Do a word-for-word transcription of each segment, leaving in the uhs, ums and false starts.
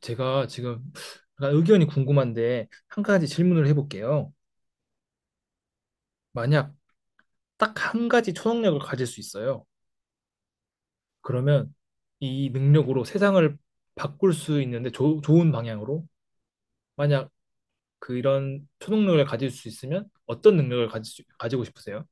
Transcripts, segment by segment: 제가 지금 약간 의견이 궁금한데 한 가지 질문을 해볼게요. 만약 딱 한 가지 초능력을 가질 수 있어요. 그러면 이 능력으로 세상을 바꿀 수 있는데 조- 좋은 방향으로 만약 그런 초능력을 가질 수 있으면 어떤 능력을 가질 수- 가지고 싶으세요?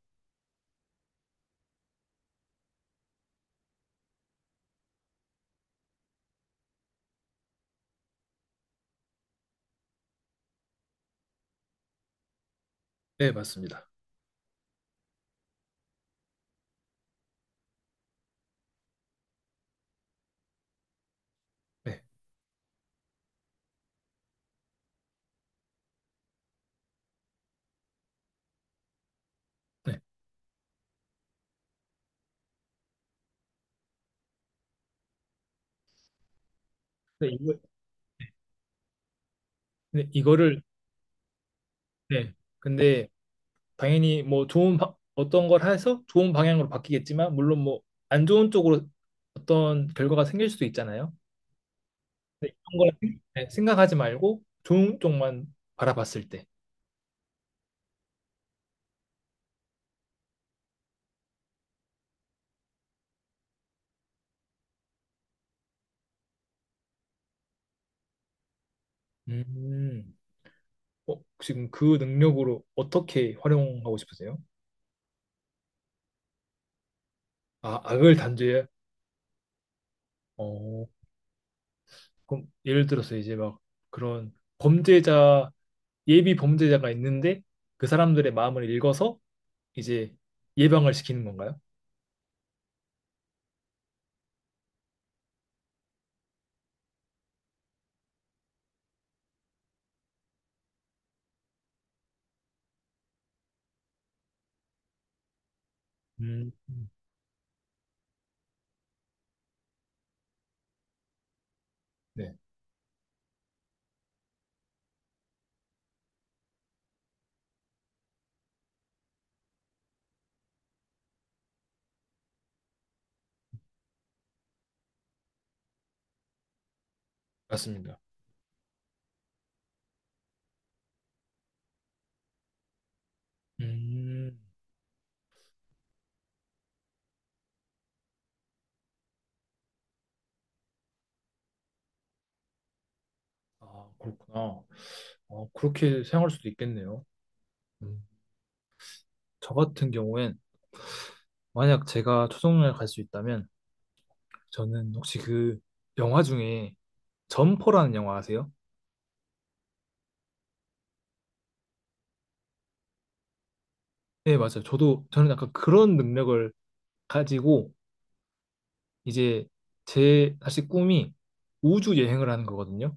네, 맞습니다. 네. 네. 근데 이거, 근데 이거를 네. 근데 당연히 뭐 좋은 바- 어떤 걸 해서 좋은 방향으로 바뀌겠지만 물론 뭐 안 좋은 쪽으로 어떤 결과가 생길 수도 있잖아요. 근데 이런 걸 생- 네, 생각하지 말고 좋은 쪽만 바라봤을 때. 음. 어, 지금 그 능력으로 어떻게 활용하고 싶으세요? 아, 악을 단죄해? 어, 그럼 예를 들어서 이제 막 그런 범죄자, 예비 범죄자가 있는데 그 사람들의 마음을 읽어서 이제 예방을 시키는 건가요? 음, 네, 맞습니다. 음, 아, 그렇구나. 어, 그렇게 생각할 수도 있겠네요. 음, 저 같은 경우엔 만약 제가 초정을 갈 수 있다면 저는 혹시 그 영화 중에 점퍼라는 영화 아세요? 네, 맞아요. 저도 저는 약간 그런 능력을 가지고 이제 제 사실 꿈이 우주 여행을 하는 거거든요.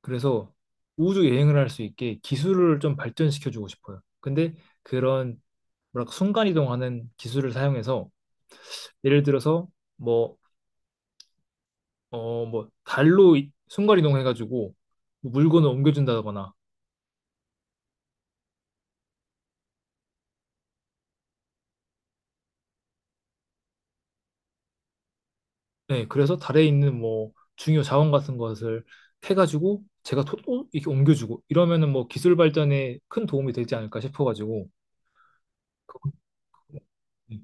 그래서 우주 여행을 할 수 있게 기술을 좀 발전시켜 주고 싶어요. 근데 그런 뭐랄까 순간 이동하는 기술을 사용해서 예를 들어서 뭐 어 뭐 달로 순간 이동해 가지고 물건을 옮겨준다거나 네, 그래서 달에 있는 뭐 중요 자원 같은 것을 해가지고 제가 토, 어? 이렇게 옮겨주고 이러면은 뭐 기술 발전에 큰 도움이 되지 않을까 싶어가지고 그 네,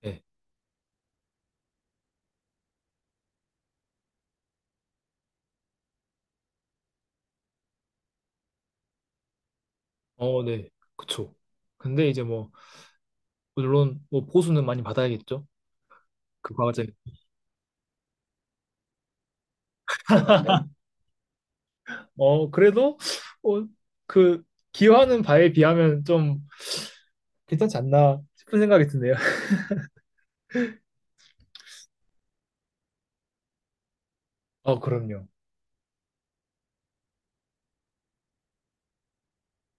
네. 어, 네, 그쵸. 근데 이제 뭐 물론 뭐 보수는 많이 받아야겠죠. 그 과제. 어, 그래도 어, 그 기여하는 바에 비하면 좀 괜찮지 않나 싶은 생각이 드네요. 어, 그럼요.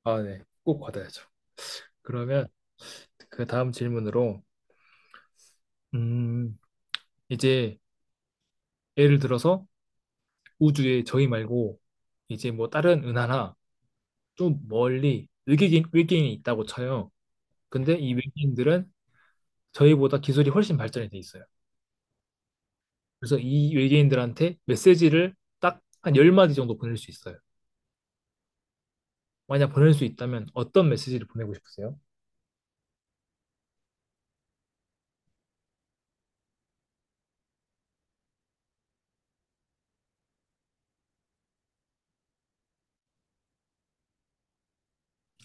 아, 네. 꼭 받아야죠. 그러면 그 다음 질문으로, 음, 이제 예를 들어서 우주에 저희 말고 이제 뭐 다른 은하나 좀 멀리 외계인, 외계인이 있다고 쳐요. 근데 이 외계인들은 저희보다 기술이 훨씬 발전이 돼 있어요. 그래서 이 외계인들한테 메시지를 딱 한 열 마디 정도 보낼 수 있어요. 만약 보낼 수 있다면 어떤 메시지를 보내고 싶으세요?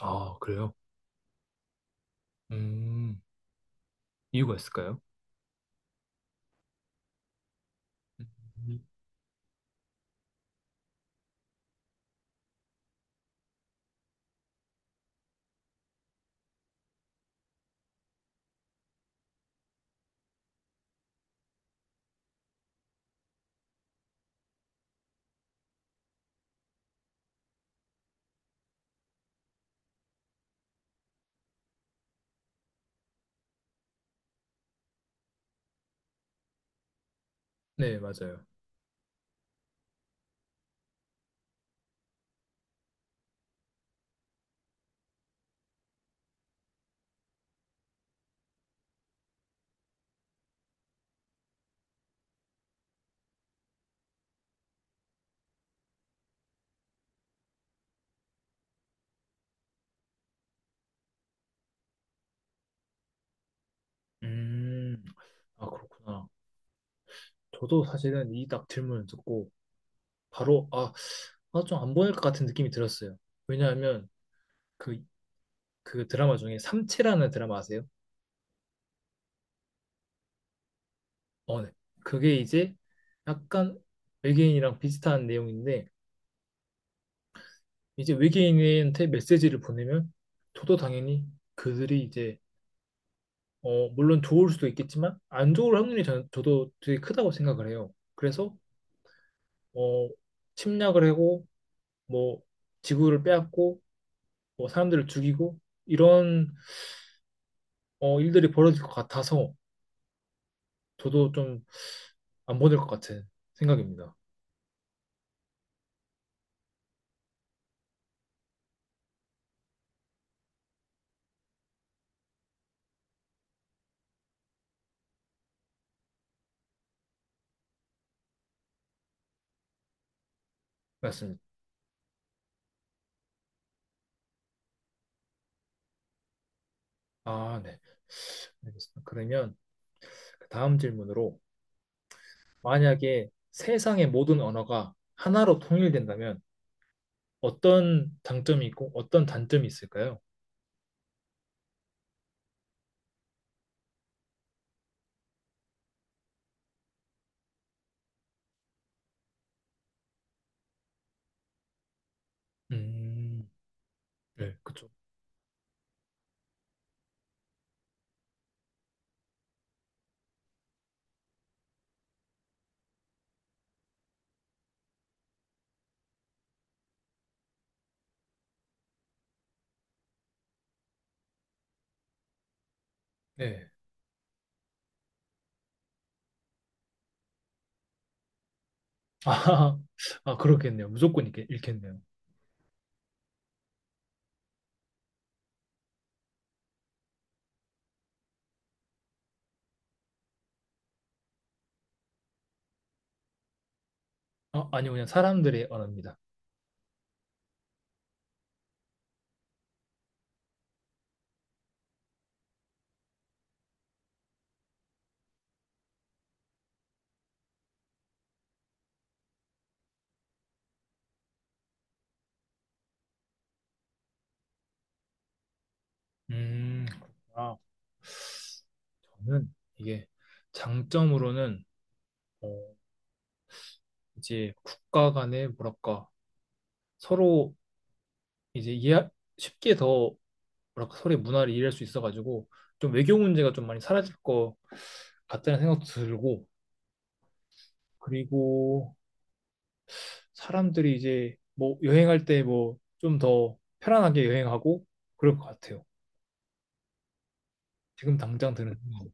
아, 그래요? 음, 이유가 있을까요? 음, 네, 맞아요. 음, 아, 그렇구나. 저도 사실은 이 딱 질문을 듣고 바로, 아, 아, 좀 안 보낼 것 같은 느낌이 들었어요. 왜냐하면 그, 그 드라마 중에 삼체라는 드라마 아세요? 어, 네. 그게 이제 약간 외계인이랑 비슷한 내용인데 이제 외계인한테 메시지를 보내면 저도 당연히 그들이 이제 어, 물론 좋을 수도 있겠지만 안 좋을 확률이 저, 저도 되게 크다고 생각을 해요. 그래서 어, 침략을 하고 뭐 지구를 빼앗고 뭐 사람들을 죽이고 이런 어, 일들이 벌어질 것 같아서 저도 좀 안 보낼 것 같은 생각입니다. 맞습니다. 아, 네. 알겠습니다. 그러면 그 다음 질문으로 만약에 세상의 모든 언어가 하나로 통일된다면 어떤 장점이 있고 어떤 단점이 있을까요? 음, 네, 그쵸. 네. 아, 아, 그렇겠네요. 무조건 읽, 읽겠네요. 아, 아니요, 그냥 사람들의 언어입니다. 음, 아, 저는 이게 장점으로는 어, 이제 국가 간의 뭐랄까 서로 이제 이해 쉽게 더 뭐랄까 서로의 문화를 이해할 수 있어가지고 좀 외교 문제가 좀 많이 사라질 것 같다는 생각도 들고 그리고 사람들이 이제 뭐 여행할 때 뭐 좀 더 편안하게 여행하고 그럴 것 같아요. 지금 당장 드는 생각.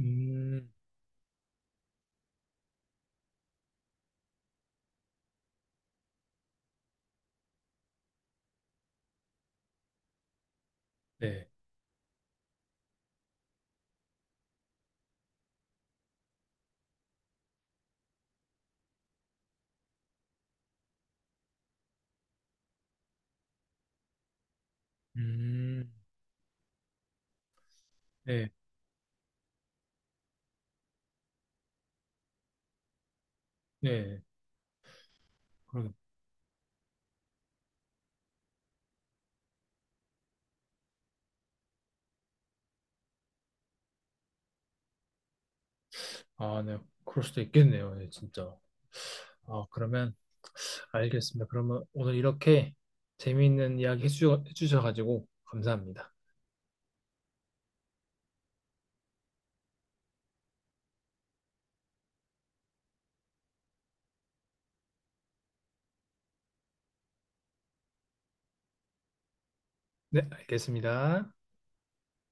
음, 네, 음, 네, 네, 그러, 아, 네, 그럴 수도 있겠네요, 네, 진짜. 아, 그러면 알겠습니다. 그러면 오늘 이렇게 재미있는 이야기 해주- 해주셔가지고 감사합니다. 네, 알겠습니다.